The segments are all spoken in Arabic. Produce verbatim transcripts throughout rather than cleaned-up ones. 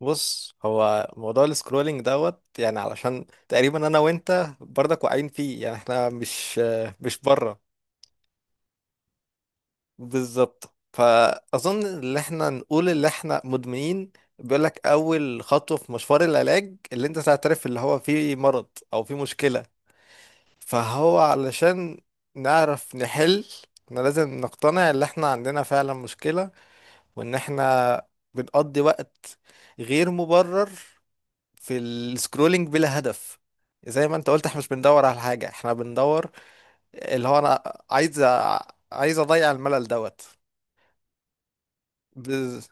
بص، هو موضوع السكرولينج دوت، يعني علشان تقريبا انا وانت برضك واقعين فيه. يعني احنا مش مش بره. بالظبط، فاظن ان احنا نقول اللي احنا مدمنين. بيقول لك اول خطوه في مشوار العلاج اللي انت تعترف اللي هو في مرض او في مشكله. فهو علشان نعرف نحل، احنا لازم نقتنع ان احنا عندنا فعلا مشكله، وان احنا بنقضي وقت غير مبرر في السكرولينج بلا هدف. زي ما انت قلت احنا مش بندور على حاجة، احنا بندور اللي هو انا عايز أ- عايز اضيع الملل دوت. بز...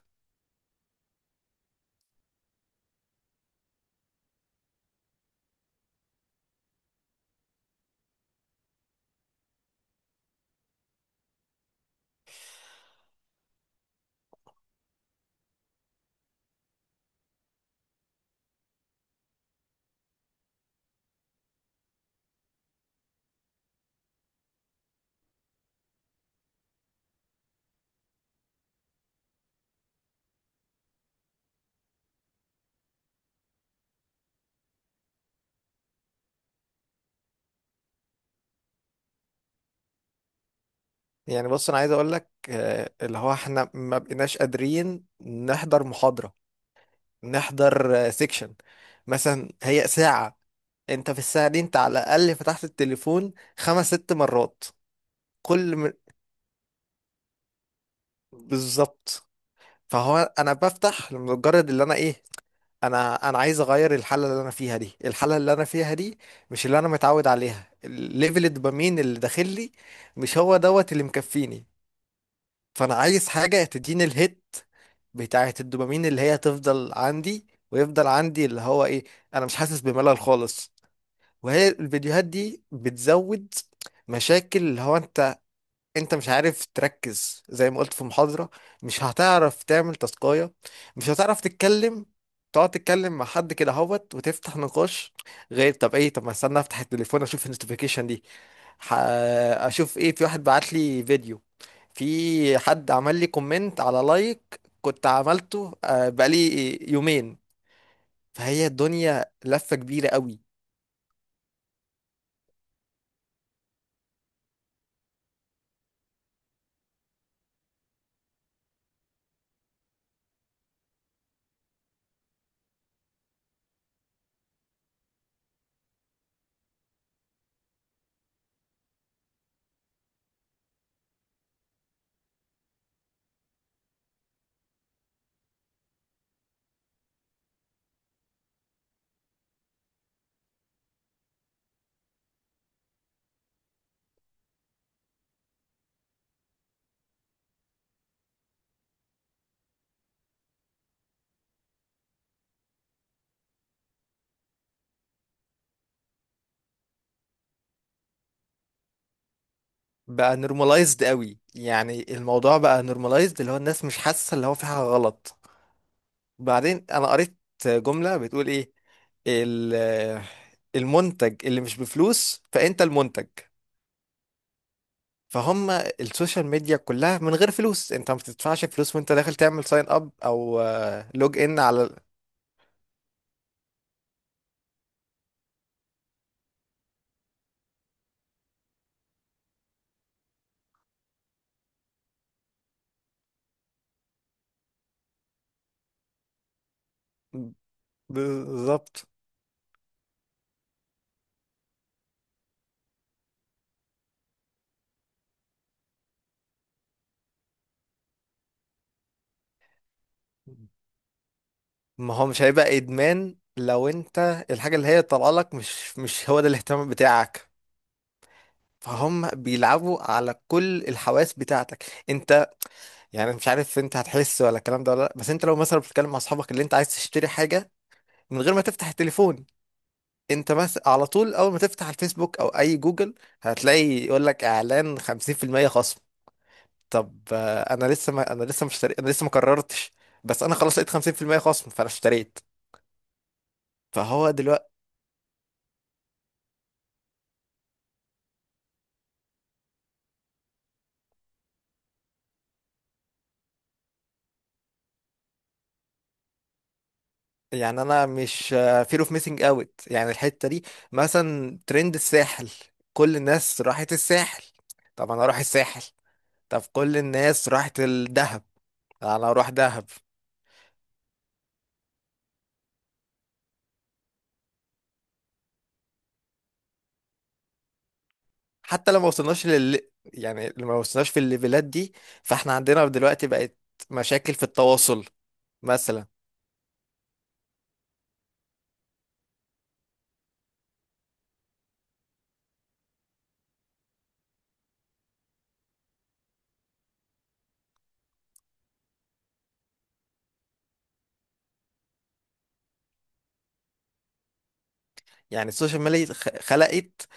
يعني بص، انا عايز اقول لك آه، اللي هو احنا ما بقيناش قادرين نحضر محاضرة، نحضر سيكشن مثلا. هي ساعة، انت في الساعة دي انت على الأقل فتحت التليفون خمس ست مرات. كل م... بالظبط. فهو انا بفتح لمجرد اللي انا ايه، انا انا عايز اغير الحاله اللي انا فيها دي. الحاله اللي انا فيها دي مش اللي انا متعود عليها، الليفل الدوبامين اللي داخل لي مش هو دوت اللي مكفيني. فانا عايز حاجه تديني الهيت بتاعه الدوبامين اللي هي تفضل عندي، ويفضل عندي اللي هو ايه، انا مش حاسس بملل خالص. وهي الفيديوهات دي بتزود مشاكل اللي هو انت، انت مش عارف تركز زي ما قلت في محاضرة. مش هتعرف تعمل تاسكاية، مش هتعرف تتكلم، تقعد تتكلم مع حد كده هوت وتفتح نقاش. غير طب ايه، طب ما استنى افتح التليفون اشوف النوتيفيكيشن دي. ح- اشوف ايه. في واحد بعت لي فيديو، في حد عمل لي كومنت على لايك كنت عملته آه، بقالي يومين. فهي الدنيا لفة كبيرة قوي. بقى نورماليزد قوي. يعني الموضوع بقى نورماليزد، اللي هو الناس مش حاسة اللي هو في حاجة غلط. بعدين انا قريت جملة بتقول ايه، ال- المنتج اللي مش بفلوس فانت المنتج. فهم السوشيال ميديا كلها من غير فلوس، انت ما بتدفعش فلوس وانت داخل تعمل ساين اب او لوج ان على ال- بالظبط. ما هو مش هيبقى ادمان لو انت الحاجة اللي هي طالعه لك مش مش هو ده الاهتمام بتاعك. فهم بيلعبوا على كل الحواس بتاعتك انت. يعني مش عارف انت هتحس ولا الكلام ده ولا لا، بس انت لو مثلا بتتكلم مع اصحابك اللي انت عايز تشتري حاجه من غير ما تفتح التليفون، انت مثلا على طول اول ما تفتح الفيسبوك او اي جوجل هتلاقي يقول لك اعلان خمسين في المية خصم. طب آه، انا لسه ما انا لسه مش اشتري... انا لسه ما قررتش، بس انا خلاص لقيت خمسين في المية خصم فانا اشتريت. فهو دلوقتي يعني انا مش فير اوف ميسنج اوت، يعني الحته دي. مثلا ترند الساحل، كل الناس راحت الساحل، طب انا اروح الساحل. طب كل الناس راحت الدهب، انا اروح دهب. حتى لو ما وصلناش لل يعني لو ما وصلناش في الليفلات دي، فاحنا عندنا دلوقتي بقت مشاكل في التواصل مثلا. يعني السوشيال ميديا خ- خلقت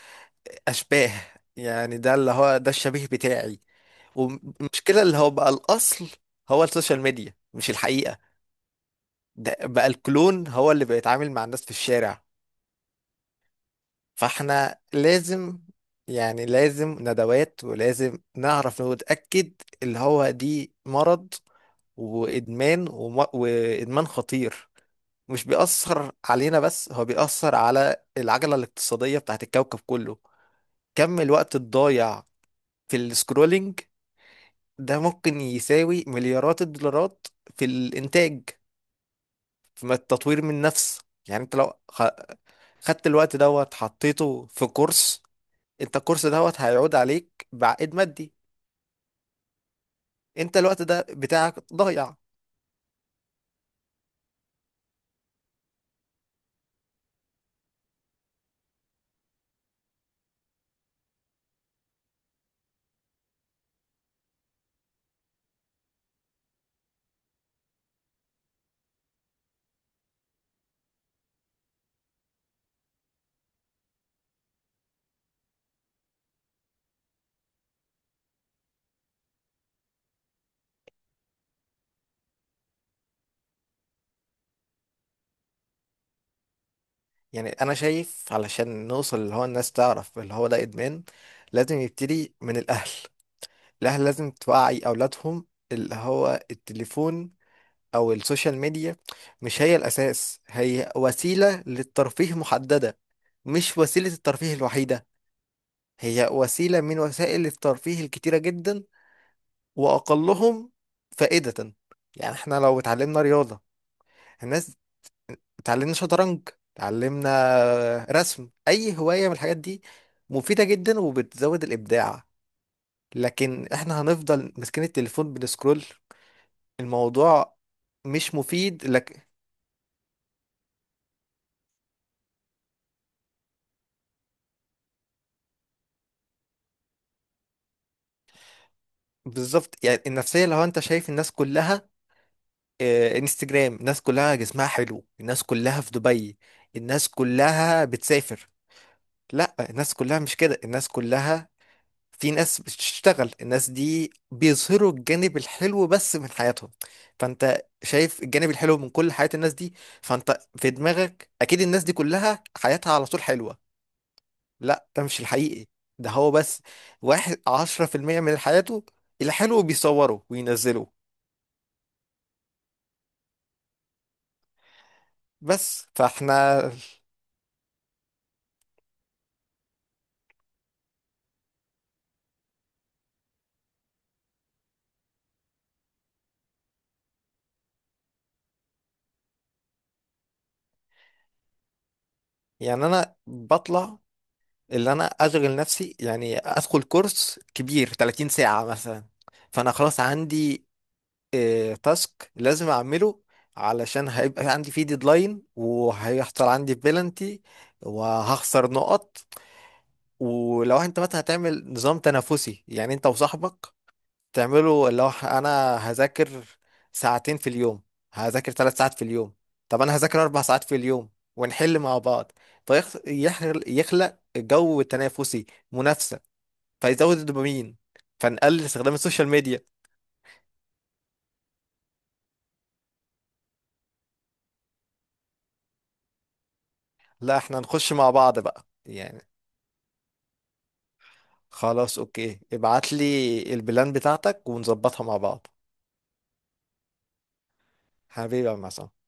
اشباه. يعني ده اللي هو ده الشبيه بتاعي، والمشكلة اللي هو بقى الاصل هو السوشيال ميديا مش الحقيقة. ده بقى الكلون هو اللي بيتعامل مع الناس في الشارع. فاحنا لازم، يعني لازم ندوات، ولازم نعرف ونتأكد اللي هو دي مرض وإدمان، وم- وإدمان خطير. مش بيأثر علينا بس، هو بيأثر على العجلة الاقتصادية بتاعت الكوكب كله. كم الوقت الضايع في السكرولينج ده ممكن يساوي مليارات الدولارات في الإنتاج، في التطوير من نفس. يعني انت لو خ- خدت الوقت دوت حطيته في كورس، انت الكورس دوت هيعود عليك بعائد مادي. انت الوقت ده بتاعك ضايع. يعني انا شايف علشان نوصل اللي هو الناس تعرف اللي هو ده ادمان، لازم يبتدي من الاهل. الاهل لازم توعي اولادهم اللي هو التليفون او السوشيال ميديا مش هي الاساس. هي وسيلة للترفيه محددة، مش وسيلة الترفيه الوحيدة. هي وسيلة من وسائل الترفيه الكتيرة جدا، واقلهم فائدة. يعني احنا لو اتعلمنا رياضة، الناس، اتعلمنا شطرنج، اتعلمنا رسم، اي هواية من الحاجات دي مفيدة جدا وبتزود الابداع. لكن احنا هنفضل ماسكين التليفون بنسكرول الموضوع. مش مفيد لك. بالظبط. يعني النفسية، لو انت شايف الناس كلها آه، انستجرام، الناس كلها جسمها حلو، الناس كلها في دبي، الناس كلها بتسافر. لا، الناس كلها مش كده. الناس كلها في ناس بتشتغل، الناس دي بيظهروا الجانب الحلو بس من حياتهم. فانت شايف الجانب الحلو من كل حياة الناس دي، فانت في دماغك اكيد الناس دي كلها حياتها على طول حلوة. لا، ده مش الحقيقي. ده هو بس واحد عشرة في المية من حياته الحلو بيصوره وينزله. بس فاحنا يعني انا بطلع اللي انا اشغل نفسي، يعني ادخل كورس كبير 30 ساعة مثلا، فانا خلاص عندي إيه، تاسك لازم اعمله، علشان هيبقى عندي فيه ديدلاين وهيحصل عندي بلنتي وهخسر نقط. ولو انت مثلا هتعمل نظام تنافسي، يعني انت وصاحبك تعملوا، لو ح- انا هذاكر ساعتين في اليوم، هذاكر ثلاث ساعات في اليوم، طب انا هذاكر اربع ساعات في اليوم، ونحل مع بعض، فيخلق جو تنافسي، منافسة، فيزود الدوبامين، فنقلل استخدام السوشيال ميديا. لا احنا نخش مع بعض بقى يعني. خلاص، اوكي، ابعت لي البلان بتاعتك ونظبطها مع بعض. حبيبي يا عم عصام.